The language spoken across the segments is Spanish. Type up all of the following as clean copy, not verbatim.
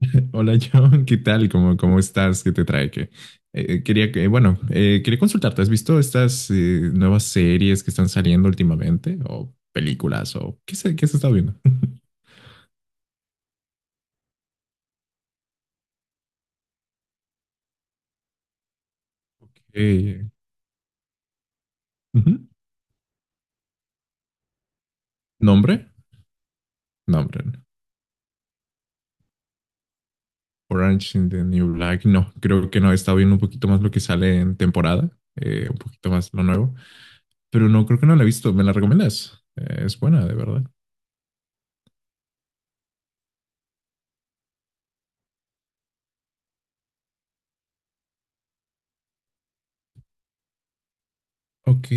Hola John, ¿qué tal? ¿Cómo estás? ¿Qué te trae? Quería consultarte. ¿Has visto estas nuevas series que están saliendo últimamente? ¿O películas? ¿O qué se está viendo? Ok. Ujú. ¿Nombre? Nombre. ¿No? Orange in the New Black. No, creo que no. He estado viendo un poquito más lo que sale en temporada, un poquito más lo nuevo. Pero no, creo que no la he visto. ¿Me la recomiendas? Es buena, de verdad. Ok.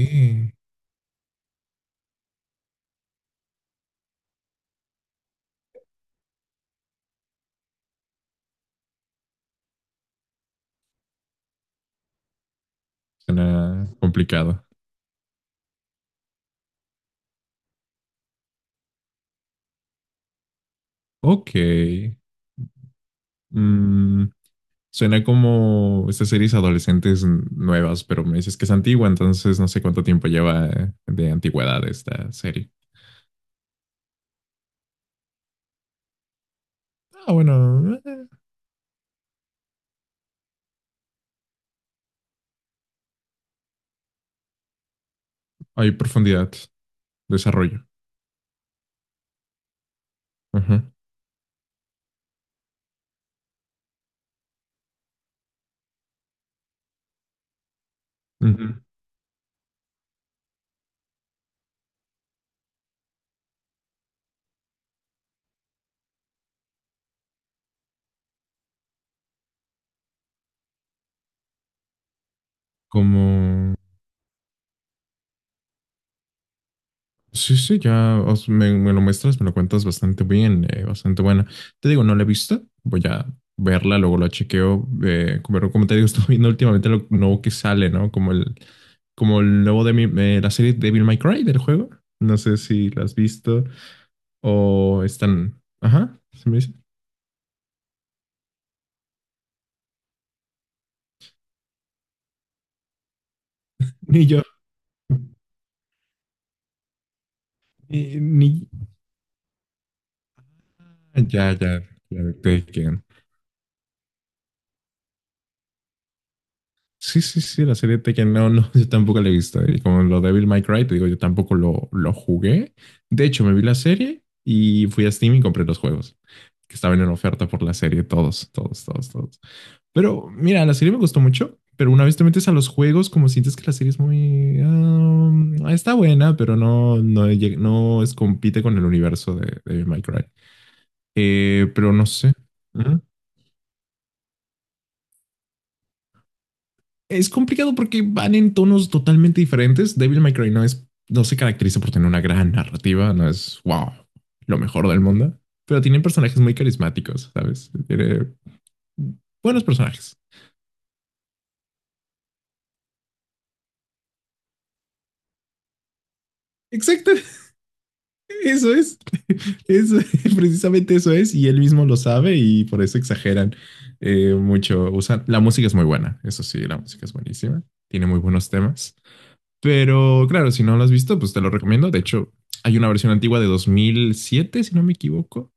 Suena complicado. Ok. Mm, suena como estas series adolescentes nuevas, pero me dices que es antigua, entonces no sé cuánto tiempo lleva de antigüedad esta serie. Ah, bueno, hay profundidad, desarrollo. Ajá. Ujú. Como sí, sí, ya os- me lo muestras, me lo cuentas bastante bien, bastante buena. Te digo, no la he visto, voy a verla, luego la chequeo, pero como te digo, estoy viendo últimamente lo nuevo que sale, ¿no? Como el nuevo de mi- la serie Devil May Cry del juego. No sé si la has visto o están... Ajá, se me dice. Ni yo. Ni, ni- ah, ya, ya, ya, te sí, sí, sí, la serie Tekken, no, no, yo tampoco la he visto. Y como lo de Devil May Cry, te digo, yo tampoco lo jugué. De hecho, me vi la serie y fui a Steam y compré los juegos que estaban en oferta por la serie, todos, todos, todos, todos. Pero mira, la serie me gustó mucho, pero una vez te metes a los juegos, como sientes que la serie es muy... Ah, está buena, pero no, no, lleg- no es, compite con el universo de Devil May Cry. Pero no sé. Ujú. Es complicado porque van en tonos totalmente diferentes. Devil May Cry no es, no se caracteriza por tener una gran narrativa, no es wow, lo mejor del mundo, pero tienen personajes muy carismáticos, ¿sabes? Tiene buenos personajes. Exacto, eso es. Eso, precisamente eso es, y él mismo lo sabe y por eso exageran mucho. Usan, la música es muy buena, eso sí, la música es buenísima, tiene muy buenos temas. Pero claro, si no lo has visto, pues te lo recomiendo. De hecho, hay una versión antigua de 2007 si no me equivoco,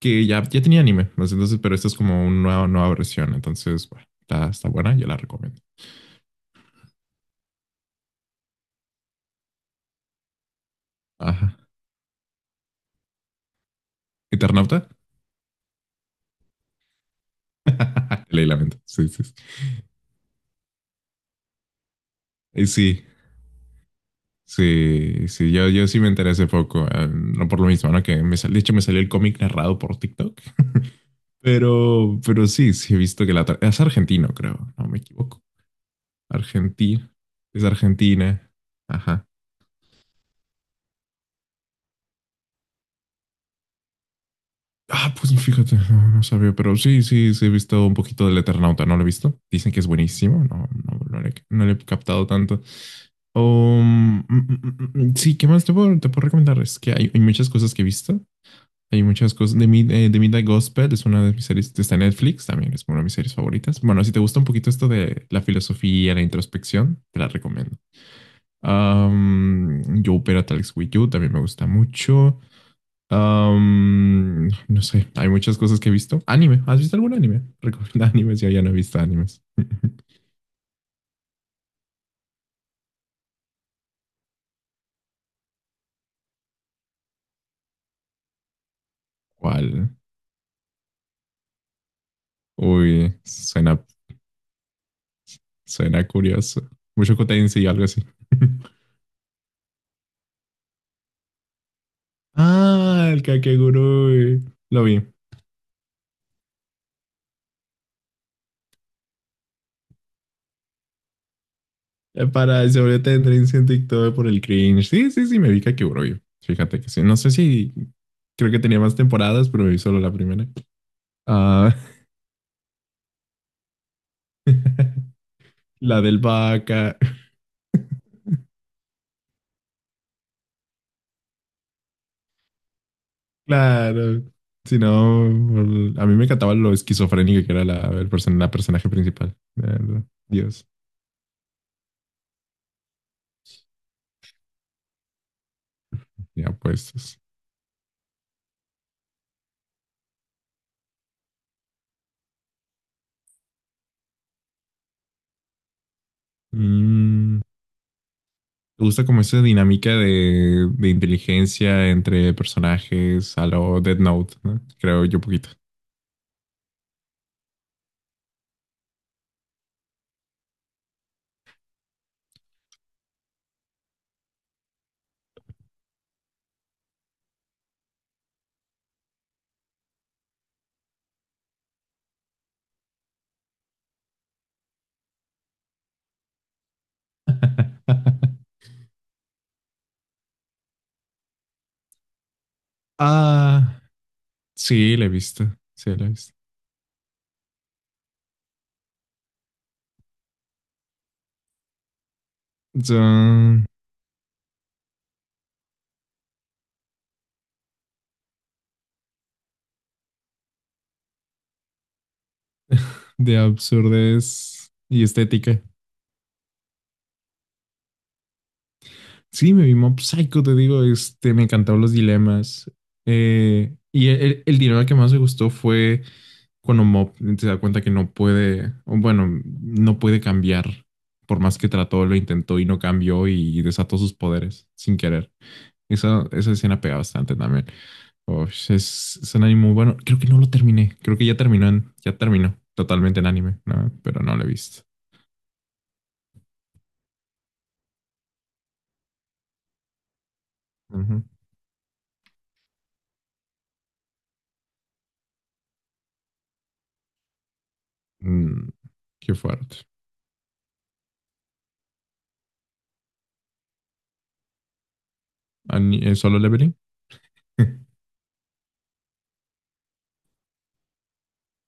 que ya, ya tenía anime. Pues, entonces, pero esta es como una nueva, nueva versión. Entonces, bueno, está, está buena, yo la recomiendo. Ajá. ¿Eternauta? Leí la mente. Sí, sí, sí. Eh, sí, sí, sí. Yo sí me enteré hace poco, no por lo mismo, ¿no? Que me sal- de hecho me salió el cómic narrado por TikTok. Pero sí, sí he visto que la... tra- Es argentino, creo. No me equivoco. Argentina. Es Argentina. Ajá. Ah, pues fíjate, no, no sabía, pero sí, sí, sí he visto un poquito del Eternauta, no lo he visto. Dicen que es buenísimo, no, no, no, le, no le he captado tanto. Um, sí, ¿qué más te puedo recomendar? Es que hay muchas cosas que he visto. Hay muchas cosas. The, Midnight Gospel es una de mis series, está en Netflix, también es una de mis series favoritas. Bueno, si te gusta un poquito esto de la filosofía, la introspección, te la recomiendo. Yo Opera Alex With You también me gusta mucho. No sé, hay muchas cosas que he visto. Anime, ¿has visto algún anime? Recomienda animes, yo ya no he visto animes. ¿Cuál? Uy, suena, suena curioso. Mucho Tensei y algo así. Ah, el Kakegurui. Lo vi. Para el sobre tendencia en TikTok por el cringe. Sí, sí, sí, me vi Kakegurui. Fíjate que sí. No sé si creo que tenía más temporadas, pero me vi solo la primera. Ah, la del vaca. Claro. Si no, el- a mí me encantaba lo esquizofrénica que era la, el person- la personaje principal. Dios, ya pues. Es- mm, ¿te gusta como esa dinámica de inteligencia entre personajes a lo Death Note, ¿no? Creo yo poquito. Ah, sí, la he visto. Sí, la he visto. Son de absurdez y estética. Sí, me vi Mob Psycho, te digo, este, me encantaron los dilemas. Y el dilema que más me gustó fue cuando Mob se da cuenta que no puede, o bueno, no puede cambiar, por más que trató, lo intentó y no cambió y desató sus poderes sin querer. Esa escena pega bastante también. Oh, es un anime muy bueno. Creo que no lo terminé. Creo que ya terminó, en- ya terminó totalmente en anime, ¿no? Pero no lo he visto. Ujú. Mm, qué fuerte. Ani- ¿Solo Leveling?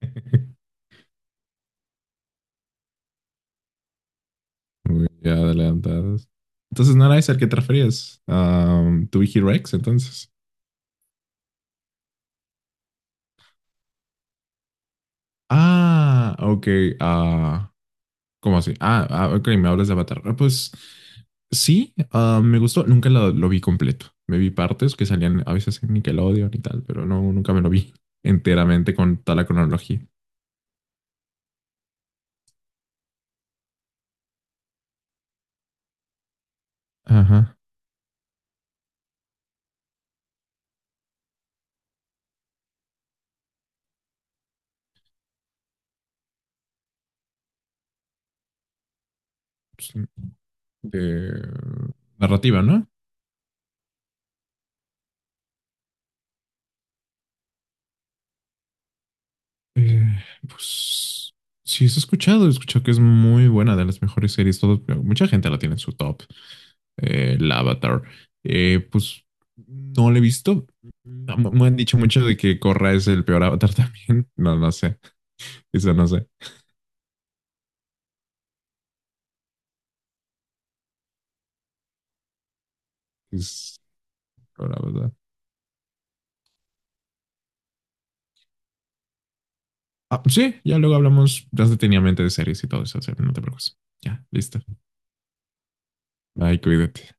Güey, ya adelantadas. Entonces no era ese al que te referías. Am, tu Vicky Rex, entonces. Ah, ok. Ah, ¿cómo así? Ah, ah, ok, me hablas de Avatar. Ah, pues sí, ah, me gustó. Nunca lo, lo vi completo. Me vi partes que salían a veces en Nickelodeon y tal, pero no, nunca me lo vi enteramente con toda la cronología. Ajá. Sí, de narrativa, ¿no? Eh, pues sí, eso he escuchado. He escuchado que es muy buena, de las mejores series. Todo, mucha gente la tiene en su top. El Avatar. Pues no la he visto. No, me me han dicho mucho de que Korra es el peor Avatar también. No, no sé. Eso no sé. Es peor Avatar. Ah, sí, ya luego hablamos más detenidamente de series y todo eso. O sea, no te preocupes. Ya, listo. Bye, cuídate.